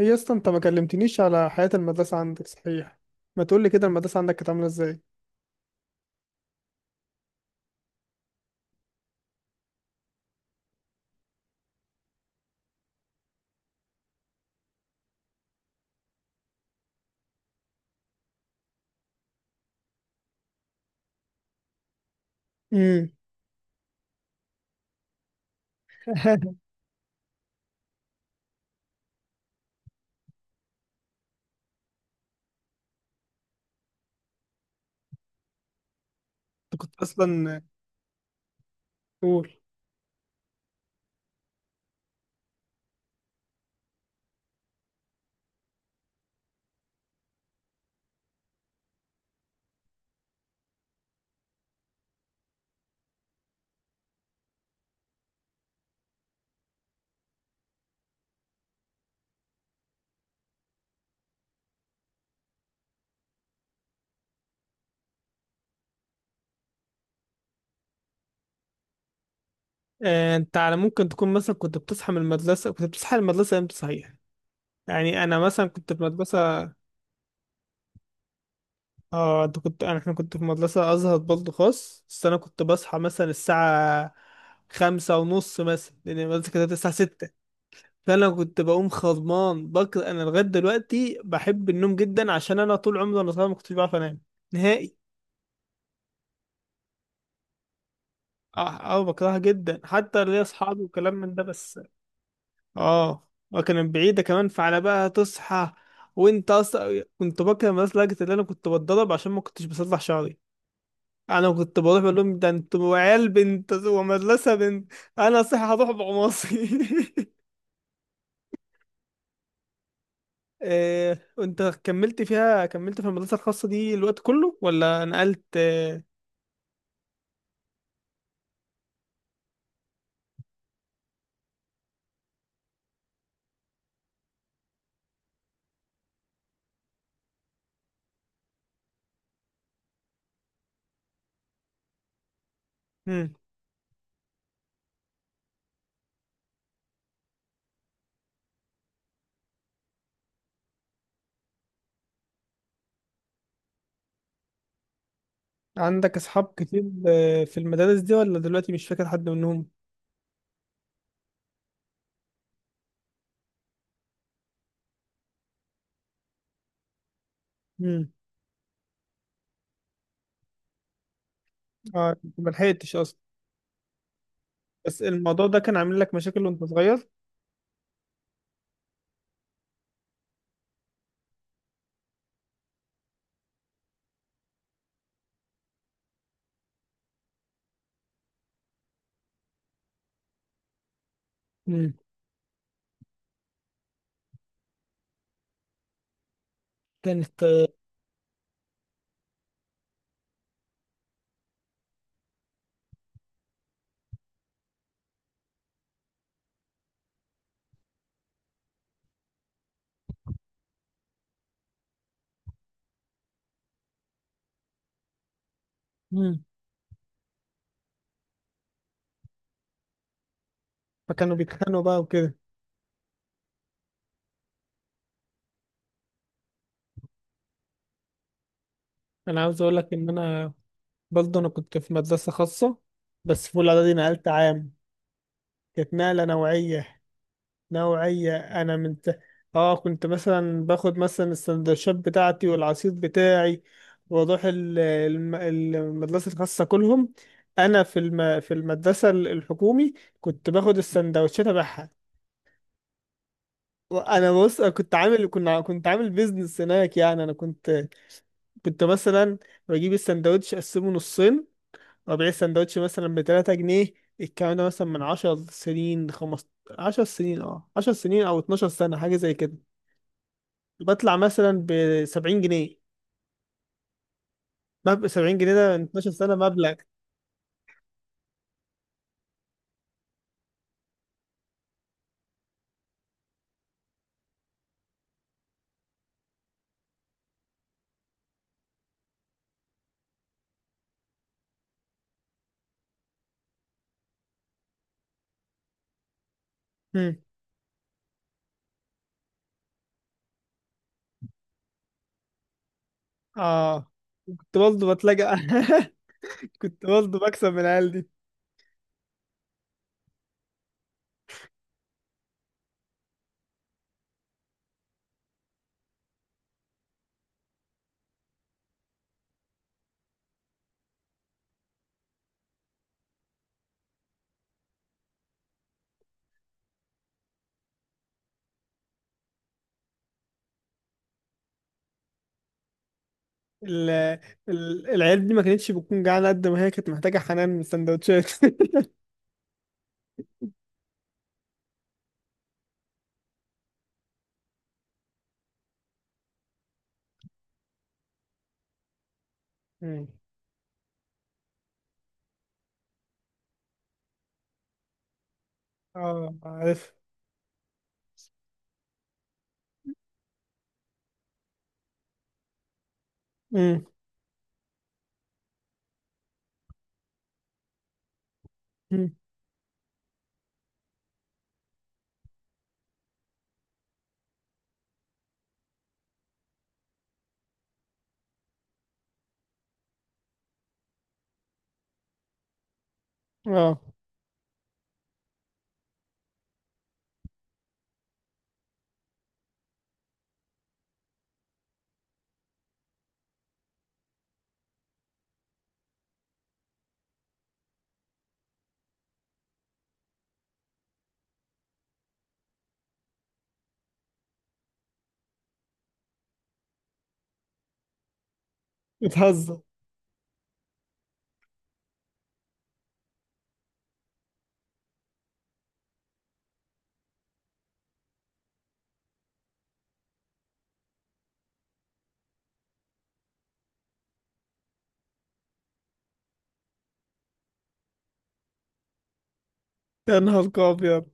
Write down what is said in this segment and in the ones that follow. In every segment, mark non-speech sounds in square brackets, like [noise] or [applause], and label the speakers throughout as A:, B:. A: هي اصلا انت ما كلمتنيش على حياة المدرسة عندك، صحيح؟ ما تقولي كده، المدرسة عندك كانت عاملة ازاي؟ امم. [laughs] انت كنت اصلا. قول. انت على ممكن تكون مثلا كنت بتصحى من المدرسة كنت بتصحى من المدرسة امتى، صحيح؟ يعني انا مثلا كنت في مدرسة ازهر برضه خاص، بس انا كنت بصحى مثلا الساعة 5:30، مثلا لان المدرسة كانت الساعة ستة. فانا كنت بقوم خضمان بكر. انا لغاية دلوقتي بحب النوم جدا عشان انا طول عمري وانا صغير ما كنتش بعرف انام نهائي. اه. اه، بكرهها جدا حتى ليا اصحابي وكلام من ده، بس. اه، وكانت بعيدة كمان، فعلى بقى تصحى. وانت اصلا كنت بكره الناس لدرجة ان انا كنت بتضرب عشان ما كنتش بصلح شعري. انا كنت بروح بقول لهم ده انتوا عيال بنت ومدرسة بنت. انا صحيح هروح بعماصي. إيه، [laughs] وانت كملت في المدرسة الخاصة دي الوقت كله ولا نقلت؟ مم. عندك اصحاب كتير، في المدارس دي، ولا دلوقتي مش فاكر حد منهم؟ مم. اه، ما لحقتش اصلا. بس الموضوع ده كان عامل لك مشاكل وانت صغير؟ امم. كانت. امم. فكانوا بيتخانقوا بقى وكده. انا عاوز اقول لك ان انا برضه انا كنت في مدرسة خاصة، بس في الاعدادي نقلت عام. كانت نقلة نوعية. نوعية انا من ت... اه، كنت مثلا باخد مثلا السندوتشات بتاعتي والعصير بتاعي، واروح المدرسة الخاصة كلهم. انا في المدرسة الحكومي كنت باخد السندوتشات ابيعها. انا، بص، أنا كنت عامل بيزنس هناك، يعني انا كنت مثلا بجيب السندوتش اقسمه نصين، وابيع السندوتش مثلا ب 3 جنيه. الكلام ده مثلا من 10 سنين، 15، 10 سنين، 10 سنين، او 12 سنة، حاجة زي كده. بطلع مثلا ب 70 جنيه. مبلغ 70 جنيه ده من 12 سنة مبلغ. هم. اه، كنت برضه بتلاقى [laughs] كنت برضه بكسب من العيال دي. ال... العيال دي ما كانتش بتكون جعانة قد ما هي كانت محتاجة حنان من السندوتشات. [laughs] اه، عارف. امم. أمم. اه، بتهزر. يا نهار ابيض.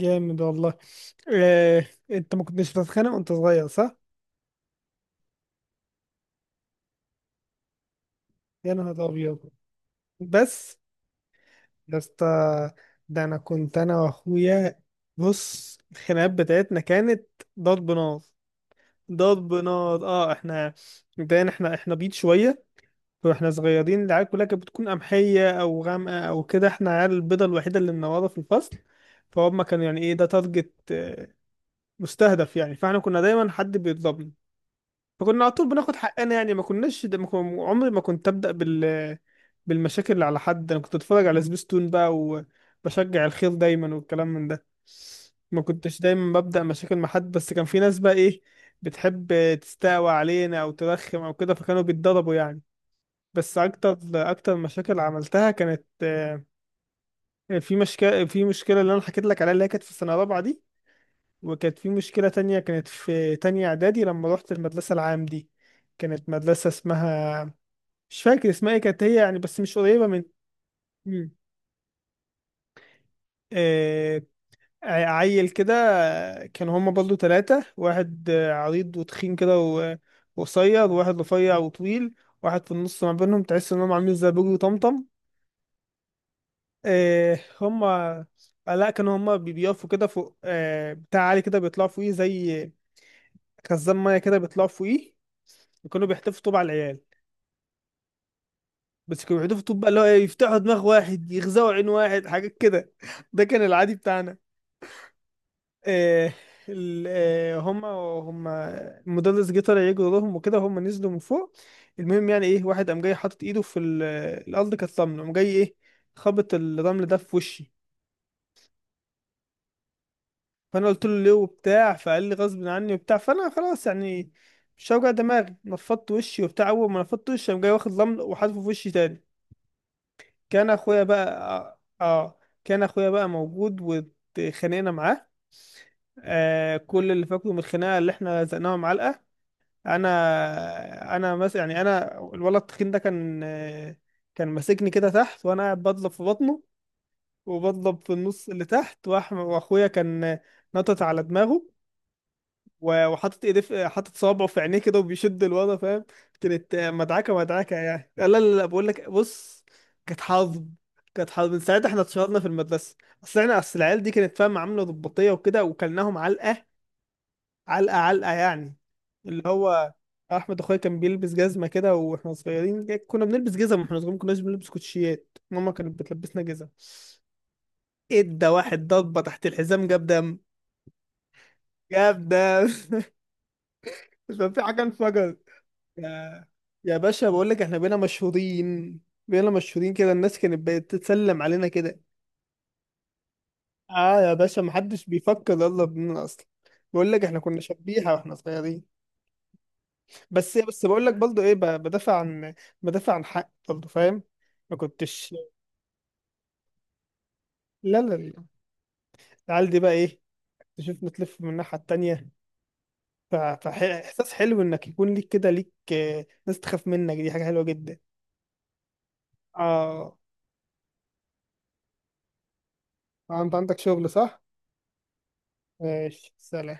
A: جامد والله. آه. انت ما كنتش بتتخانق وانت صغير، صح؟ يا نهار ابيض. بس، يا اسطى، ده انا كنت انا واخويا. بص، الخناقات بتاعتنا كانت ضرب نار. ضرب نار. اه، احنا مبدئيا احنا بيض شويه، واحنا صغيرين العيال كلها كانت بتكون قمحيه او غامقه او كده. احنا عيال البيضه الوحيده اللي منوره في الفصل. فهم كانوا يعني ايه ده، تارجت، مستهدف يعني. فاحنا كنا دايما حد بيضربنا، فكنا على طول بناخد حقنا. يعني ما كناش ده، ما كن- عمري ما كنت ابدا بال، بالمشاكل اللي على حد. انا كنت اتفرج على سبيستون بقى، وبشجع الخير دايما والكلام من ده. ما كنتش دايما ببدا مشاكل مع حد، بس كان في ناس بقى، ايه، بتحب تستقوى علينا، او ترخم، او كده، فكانوا بيتضربوا يعني. بس اكتر مشاكل عملتها كانت، في مشكله اللي انا حكيت لك عليها، اللي هي كانت في السنه الرابعه دي. وكانت في مشكلة تانية كانت في تانية إعدادي لما روحت المدرسة العام دي. كانت مدرسة اسمها، مش فاكر اسمها ايه، كانت هي يعني بس مش قريبة من. مم. آه... عيل كده. كانوا هما برضو تلاتة، واحد، عريض وتخين كده، وقصير، وواحد رفيع وطويل، واحد في النص ما بينهم، تحس إنهم عاملين زي بوجي وطمطم. آه... هما آه، لا، كانوا هما بيقفوا كده فوق، بتاع عالي كده بيطلعوا فوقيه زي خزان مية كده بيطلعوا فوقيه. وكانوا بيحتفوا طوب على العيال. بس كانوا بيقعدوا في طوب بقى اللي هو إيه، يفتحوا دماغ واحد، يغزوا عين واحد، حاجات كده. ده كان العادي بتاعنا. آه ال- آه، هما هما المدرس جه طلع يجري وراهم وكده، هما نزلوا من فوق. المهم، يعني ايه، واحد قام جاي حاطط ايده في الارض، كانت رمل، قام جاي ايه، خبط الرمل ده في وشي. فانا قلت له ليه وبتاع، فقال لي غصب عني وبتاع. فانا خلاص يعني مش هوجع دماغي، نفضت وشي وبتاع. اول ما نفضت وشي قام جاي واخد رمل وحاطه في وشي تاني. كان اخويا بقى، اه، كان اخويا بقى موجود، واتخانقنا معاه. كل اللي فاكره من الخناقه اللي احنا زقناها معلقه. انا، انا مثلا يعني، انا الولد التخين ده كان كان ماسكني كده تحت وانا قاعد بضرب في بطنه، وبضرب في النص اللي تحت، واخويا كان، نطت على دماغه، وحاطط ايديه في، حاطط صوابعه في عينيه كده وبيشد الوضع، فاهم. كانت مدعكه مدعكه يعني. لا لا لا، بقول لك بص، كانت حظ. من ساعتها احنا اتشهرنا في المدرسه. اصل احنا، العيال دي كانت فاهم عامله ضباطيه وكده، وكلناهم علقه علقه علقه يعني. اللي هو احمد اخويا كان بيلبس جزمه كده واحنا صغيرين. كنا بنلبس جزم واحنا صغيرين، ما كناش بنلبس كوتشيات، ماما كانت بتلبسنا جزم. ادى واحد ضربه تحت الحزام جاب دم. جاب دم. [laughs] ففي حاجه انفجرت. يا يا باشا، بقول لك احنا بقينا مشهورين كده، الناس كانت بقت تتسلم علينا كده. اه يا باشا، محدش بيفكر يلا بينا اصلا. بقول لك احنا كنا شبيحة واحنا صغيرين. بس بقول لك برضه ايه، بدافع عن حق برضه، فاهم. ما كنتش لا لا لا، العيال دي بقى ايه، تشوفنا تلف من الناحية التانية. فاحساس حلو انك يكون ليك كده ليك، ناس تخاف منك، دي حاجة حلوة جدا. اه، انت عندك شغل، صح؟ ماشي، سلام.